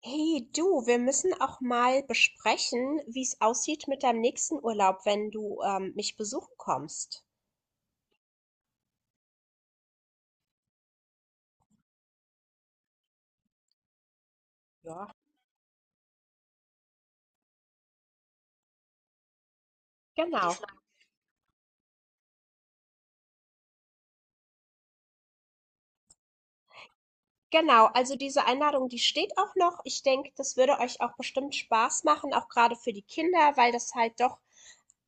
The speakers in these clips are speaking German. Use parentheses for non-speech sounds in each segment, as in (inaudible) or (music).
Hey du, wir müssen auch mal besprechen, wie es aussieht mit deinem nächsten Urlaub, wenn du mich besuchen kommst. Ja. Genau. Genau, also diese Einladung, die steht auch noch. Ich denke, das würde euch auch bestimmt Spaß machen, auch gerade für die Kinder, weil das halt doch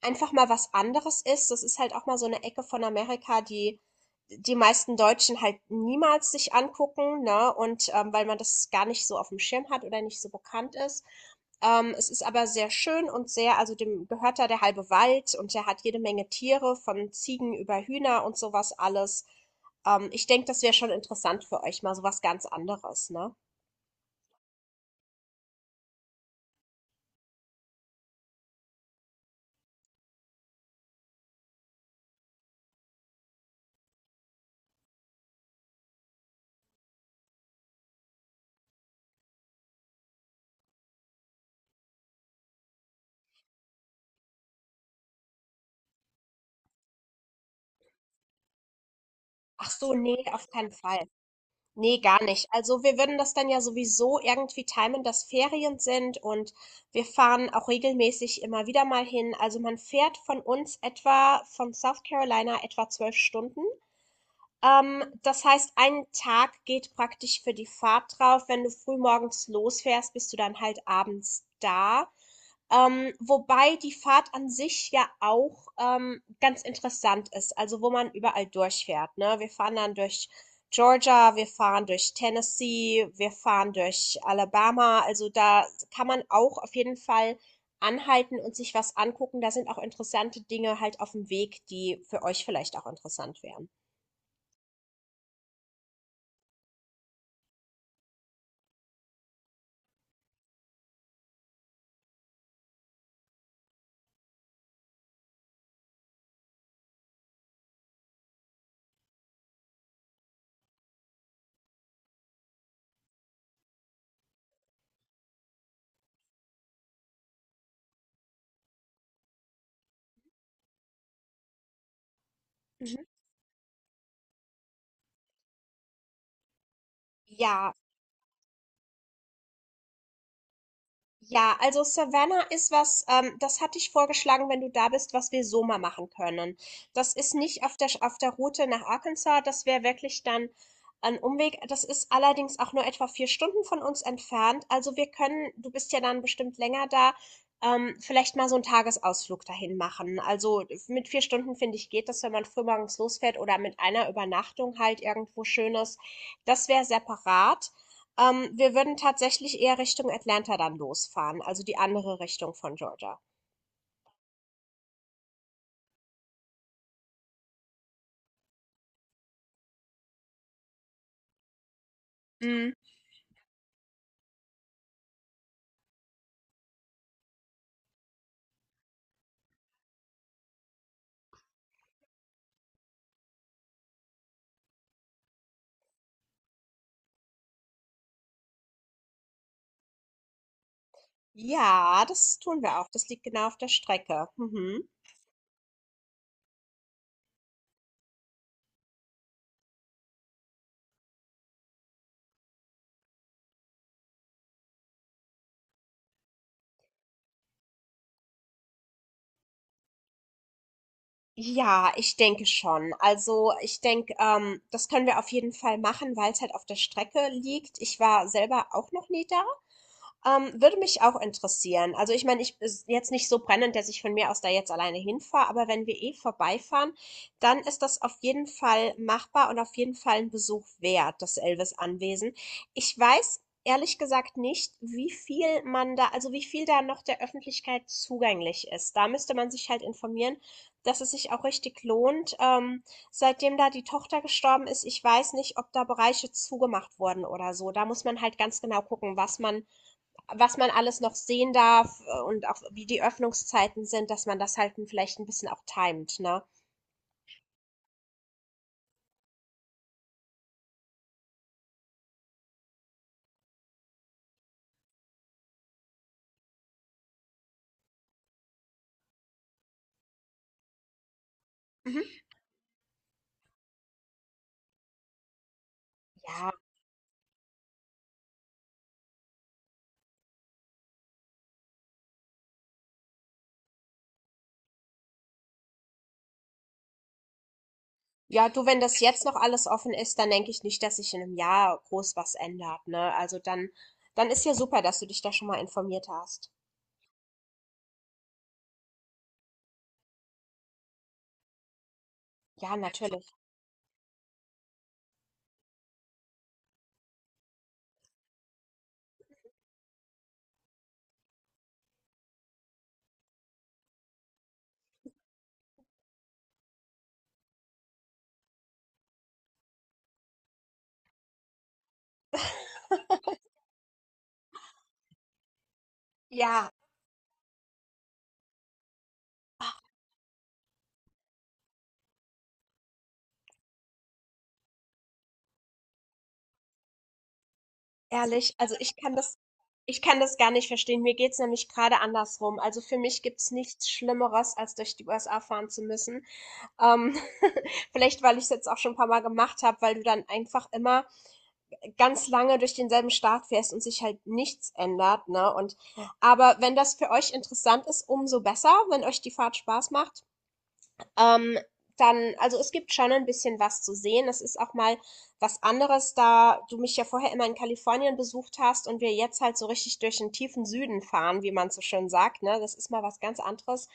einfach mal was anderes ist. Das ist halt auch mal so eine Ecke von Amerika, die die meisten Deutschen halt niemals sich angucken, ne? Und weil man das gar nicht so auf dem Schirm hat oder nicht so bekannt ist. Es ist aber sehr schön und sehr, also dem gehört da der halbe Wald, und der hat jede Menge Tiere, von Ziegen über Hühner und sowas alles. Ich denke, das wäre schon interessant für euch, mal so was ganz anderes, ne? Ach so, nee, auf keinen Fall. Nee, gar nicht. Also wir würden das dann ja sowieso irgendwie timen, dass Ferien sind, und wir fahren auch regelmäßig immer wieder mal hin. Also man fährt von uns etwa von South Carolina etwa 12 Stunden. Das heißt, ein Tag geht praktisch für die Fahrt drauf. Wenn du früh morgens losfährst, bist du dann halt abends da. Wobei die Fahrt an sich ja auch ganz interessant ist, also wo man überall durchfährt, ne? Wir fahren dann durch Georgia, wir fahren durch Tennessee, wir fahren durch Alabama, also da kann man auch auf jeden Fall anhalten und sich was angucken. Da sind auch interessante Dinge halt auf dem Weg, die für euch vielleicht auch interessant wären. Mhm. Ja. Ja, also Savannah ist was, das hatte ich vorgeschlagen, wenn du da bist, was wir so mal machen können. Das ist nicht auf der Route nach Arkansas, das wäre wirklich dann ein Umweg. Das ist allerdings auch nur etwa 4 Stunden von uns entfernt. Also wir können, du bist ja dann bestimmt länger da, vielleicht mal so einen Tagesausflug dahin machen. Also mit 4 Stunden, finde ich, geht das, wenn man frühmorgens losfährt oder mit einer Übernachtung halt irgendwo Schönes. Das wäre separat. Wir würden tatsächlich eher Richtung Atlanta dann losfahren, also die andere Richtung von Georgia. Mm. Ja, das tun wir auch. Das liegt genau auf der Strecke. Mhm. Ja, ich denke schon. Also ich denke, das können wir auf jeden Fall machen, weil es halt auf der Strecke liegt. Ich war selber auch noch nie da. Würde mich auch interessieren. Also ich meine, ich ist jetzt nicht so brennend, dass ich von mir aus da jetzt alleine hinfahre, aber wenn wir eh vorbeifahren, dann ist das auf jeden Fall machbar und auf jeden Fall ein Besuch wert, das Elvis-Anwesen. Ich weiß ehrlich gesagt nicht, wie viel man da, also wie viel da noch der Öffentlichkeit zugänglich ist. Da müsste man sich halt informieren, dass es sich auch richtig lohnt. Seitdem da die Tochter gestorben ist, ich weiß nicht, ob da Bereiche zugemacht wurden oder so. Da muss man halt ganz genau gucken, was man alles noch sehen darf, und auch wie die Öffnungszeiten sind, dass man das halt vielleicht ein bisschen auch timet, ne? Mhm. Ja. Ja, du, wenn das jetzt noch alles offen ist, dann denke ich nicht, dass sich in einem Jahr groß was ändert, ne? Also dann ist ja super, dass du dich da schon mal informiert hast. Ja, natürlich. Ja, ehrlich, also ich kann das gar nicht verstehen. Mir geht's nämlich gerade andersrum. Also für mich gibt's nichts Schlimmeres, als durch die USA fahren zu müssen. Ähm, (laughs) Vielleicht, weil ich es jetzt auch schon ein paar Mal gemacht habe, weil du dann einfach immer ganz lange durch denselben Start fährst und sich halt nichts ändert, ne? Und aber wenn das für euch interessant ist, umso besser, wenn euch die Fahrt Spaß macht. Ähm, Dann, also es gibt schon ein bisschen was zu sehen. Es ist auch mal was anderes, da du mich ja vorher immer in Kalifornien besucht hast und wir jetzt halt so richtig durch den tiefen Süden fahren, wie man so schön sagt, ne? Das ist mal was ganz anderes,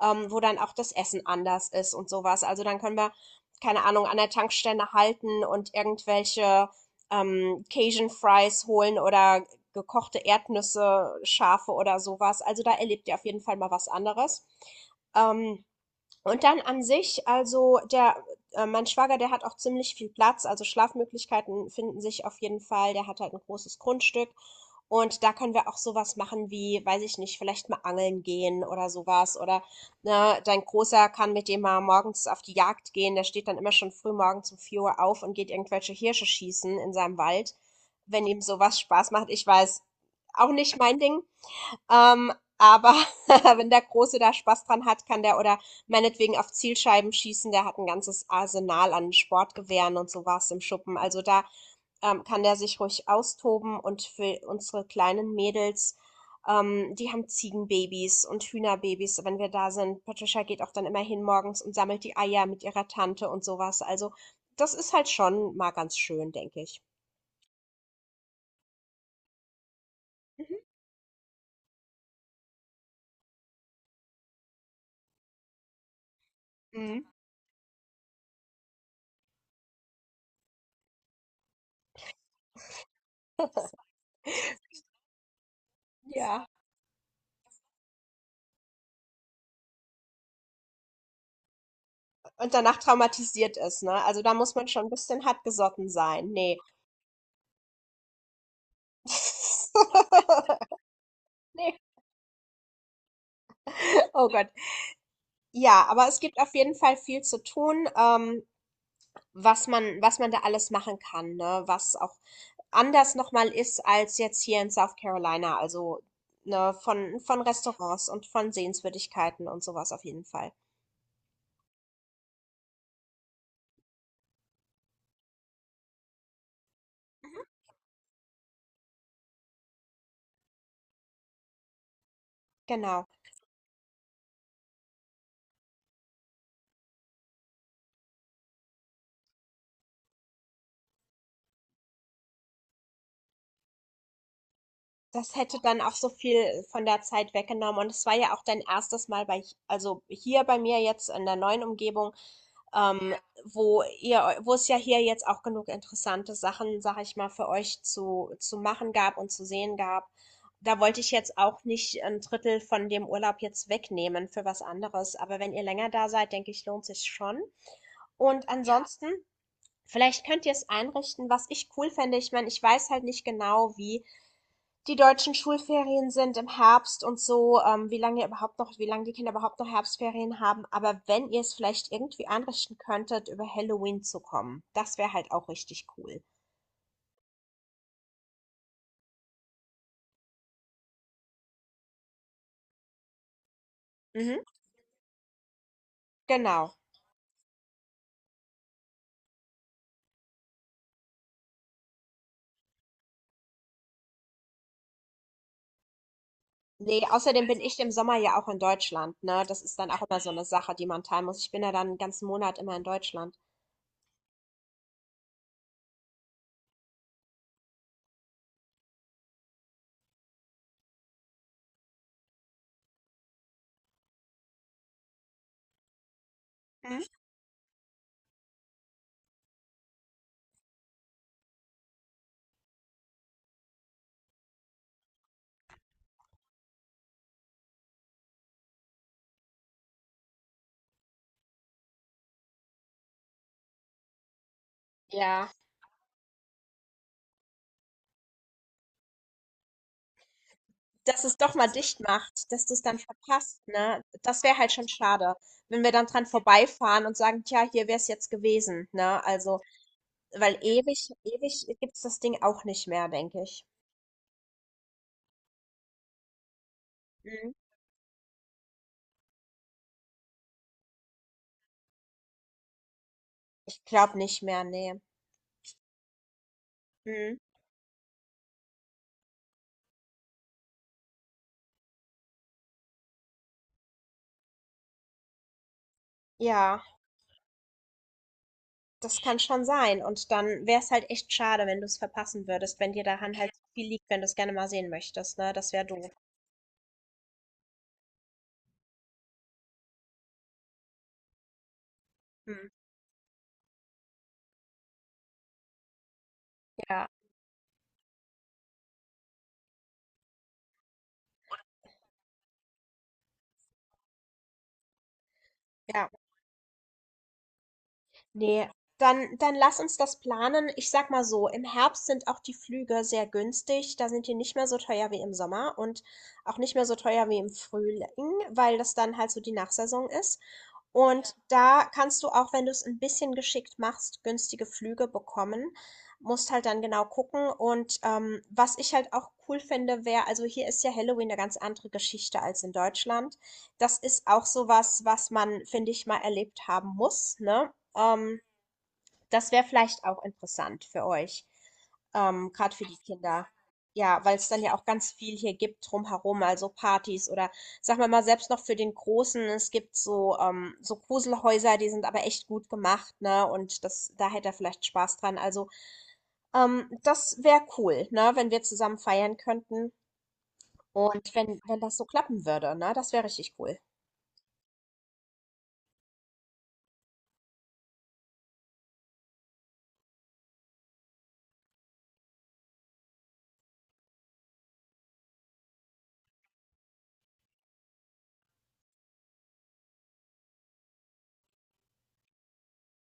wo dann auch das Essen anders ist und sowas. Also dann können wir, keine Ahnung, an der Tankstelle halten und irgendwelche Cajun Fries holen oder gekochte Erdnüsse, Schafe oder sowas. Also da erlebt ihr auf jeden Fall mal was anderes. Ähm, und dann an sich, also mein Schwager, der hat auch ziemlich viel Platz, also Schlafmöglichkeiten finden sich auf jeden Fall. Der hat halt ein großes Grundstück, und da können wir auch sowas machen wie, weiß ich nicht, vielleicht mal angeln gehen oder sowas. Oder ne, dein Großer kann mit dem mal morgens auf die Jagd gehen. Der steht dann immer schon früh morgens um 4 Uhr auf und geht irgendwelche Hirsche schießen in seinem Wald, wenn ihm sowas Spaß macht. Ich weiß, auch nicht mein Ding. Ähm, aber (laughs) wenn der Große da Spaß dran hat, kann der oder meinetwegen auf Zielscheiben schießen, der hat ein ganzes Arsenal an Sportgewehren und sowas im Schuppen. Also da kann der sich ruhig austoben, und für unsere kleinen Mädels, die haben Ziegenbabys und Hühnerbabys, wenn wir da sind. Patricia geht auch dann immer hin morgens und sammelt die Eier mit ihrer Tante und sowas. Also das ist halt schon mal ganz schön, denke ich. Mhm. Mhm. Ja. Und danach traumatisiert ist, ne? Also da muss man schon ein bisschen hartgesotten sein. Nee. (laughs) Nee. Oh Gott. Ja, aber es gibt auf jeden Fall viel zu tun, was man da alles machen kann, ne? Was auch anders nochmal ist als jetzt hier in South Carolina. Also, ne, von Restaurants und von Sehenswürdigkeiten und sowas auf jeden Fall. Genau. Das hätte dann auch so viel von der Zeit weggenommen. Und es war ja auch dein erstes Mal bei, also hier bei mir jetzt in der neuen Umgebung, ähm, wo es ja hier jetzt auch genug interessante Sachen, sag ich mal, für euch zu machen gab und zu sehen gab. Da wollte ich jetzt auch nicht ein Drittel von dem Urlaub jetzt wegnehmen für was anderes. Aber wenn ihr länger da seid, denke ich, lohnt sich schon. Und ja, ansonsten, vielleicht könnt ihr es einrichten, was ich cool fände. Ich meine, ich weiß halt nicht genau, wie. Die deutschen Schulferien sind im Herbst und so, wie lange ihr überhaupt noch, wie lange die Kinder überhaupt noch Herbstferien haben. Aber wenn ihr es vielleicht irgendwie anrichten könntet, über Halloween zu kommen, das wäre halt auch richtig cool. Mhm, genau. Ne, außerdem bin ich im Sommer ja auch in Deutschland, ne? Das ist dann auch immer so eine Sache, die man teilen muss. Ich bin ja dann einen ganzen Monat immer in Deutschland. Mhm. Ja, dass es doch mal dicht macht, dass du es dann verpasst, ne? Das wäre halt schon schade, wenn wir dann dran vorbeifahren und sagen: „Tja, hier wäre es jetzt gewesen“, ne? Also weil ewig, ewig gibt's das Ding auch nicht mehr, denke ich. Mhm. Ich glaube nicht mehr, nee. Mhm. Ja, das kann schon sein. Und dann wäre es halt echt schade, wenn du es verpassen würdest, wenn dir daran halt so viel liegt, wenn du es gerne mal sehen möchtest, ne? Das wäre doof. Mhm. Ja, ja. Nee. Dann lass uns das planen. Ich sag mal so, im Herbst sind auch die Flüge sehr günstig. Da sind die nicht mehr so teuer wie im Sommer und auch nicht mehr so teuer wie im Frühling, weil das dann halt so die Nachsaison ist. Und da kannst du auch, wenn du es ein bisschen geschickt machst, günstige Flüge bekommen. Musst halt dann genau gucken, und was ich halt auch cool finde, wäre, also hier ist ja Halloween eine ganz andere Geschichte als in Deutschland. Das ist auch so was, was man, finde ich, mal erlebt haben muss, ne? Das wäre vielleicht auch interessant für euch, gerade für die Kinder. Ja, weil es dann ja auch ganz viel hier gibt drumherum, also Partys oder, sagen wir mal, selbst noch für den Großen, es gibt so Gruselhäuser, die sind aber echt gut gemacht, ne? Und das, da hätte er vielleicht Spaß dran. Also das wäre cool, ne? Wenn wir zusammen feiern könnten, und wenn das so klappen würde, ne? Das wäre richtig cool.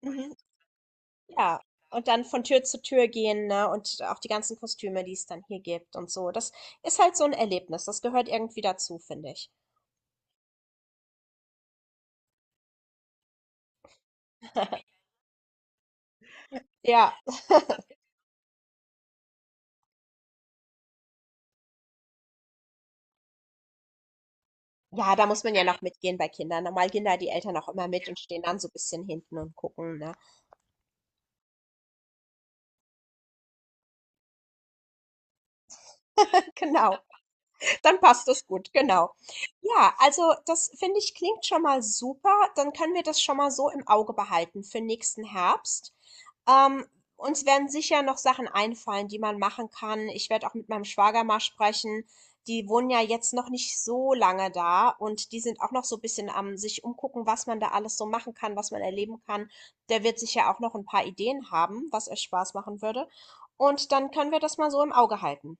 Mhm. Ja, und dann von Tür zu Tür gehen, ne? Und auch die ganzen Kostüme, die es dann hier gibt und so. Das ist halt so ein Erlebnis. Das gehört irgendwie dazu, finde ich. (laughs) Ja. Ja, da muss man ja noch mitgehen bei Kindern. Normal gehen da die Eltern auch immer mit und stehen dann so ein bisschen hinten und gucken, ne? (laughs) Genau. Dann passt das gut, genau. Ja, also das finde ich klingt schon mal super. Dann können wir das schon mal so im Auge behalten für nächsten Herbst. Ähm, Uns werden sicher noch Sachen einfallen, die man machen kann. Ich werde auch mit meinem Schwager mal sprechen. Die wohnen ja jetzt noch nicht so lange da, und die sind auch noch so ein bisschen am sich umgucken, was man da alles so machen kann, was man erleben kann. Der wird sicher auch noch ein paar Ideen haben, was euch Spaß machen würde. Und dann können wir das mal so im Auge halten.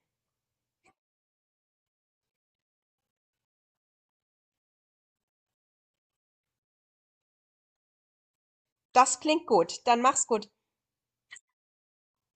Das klingt gut. Dann mach's gut.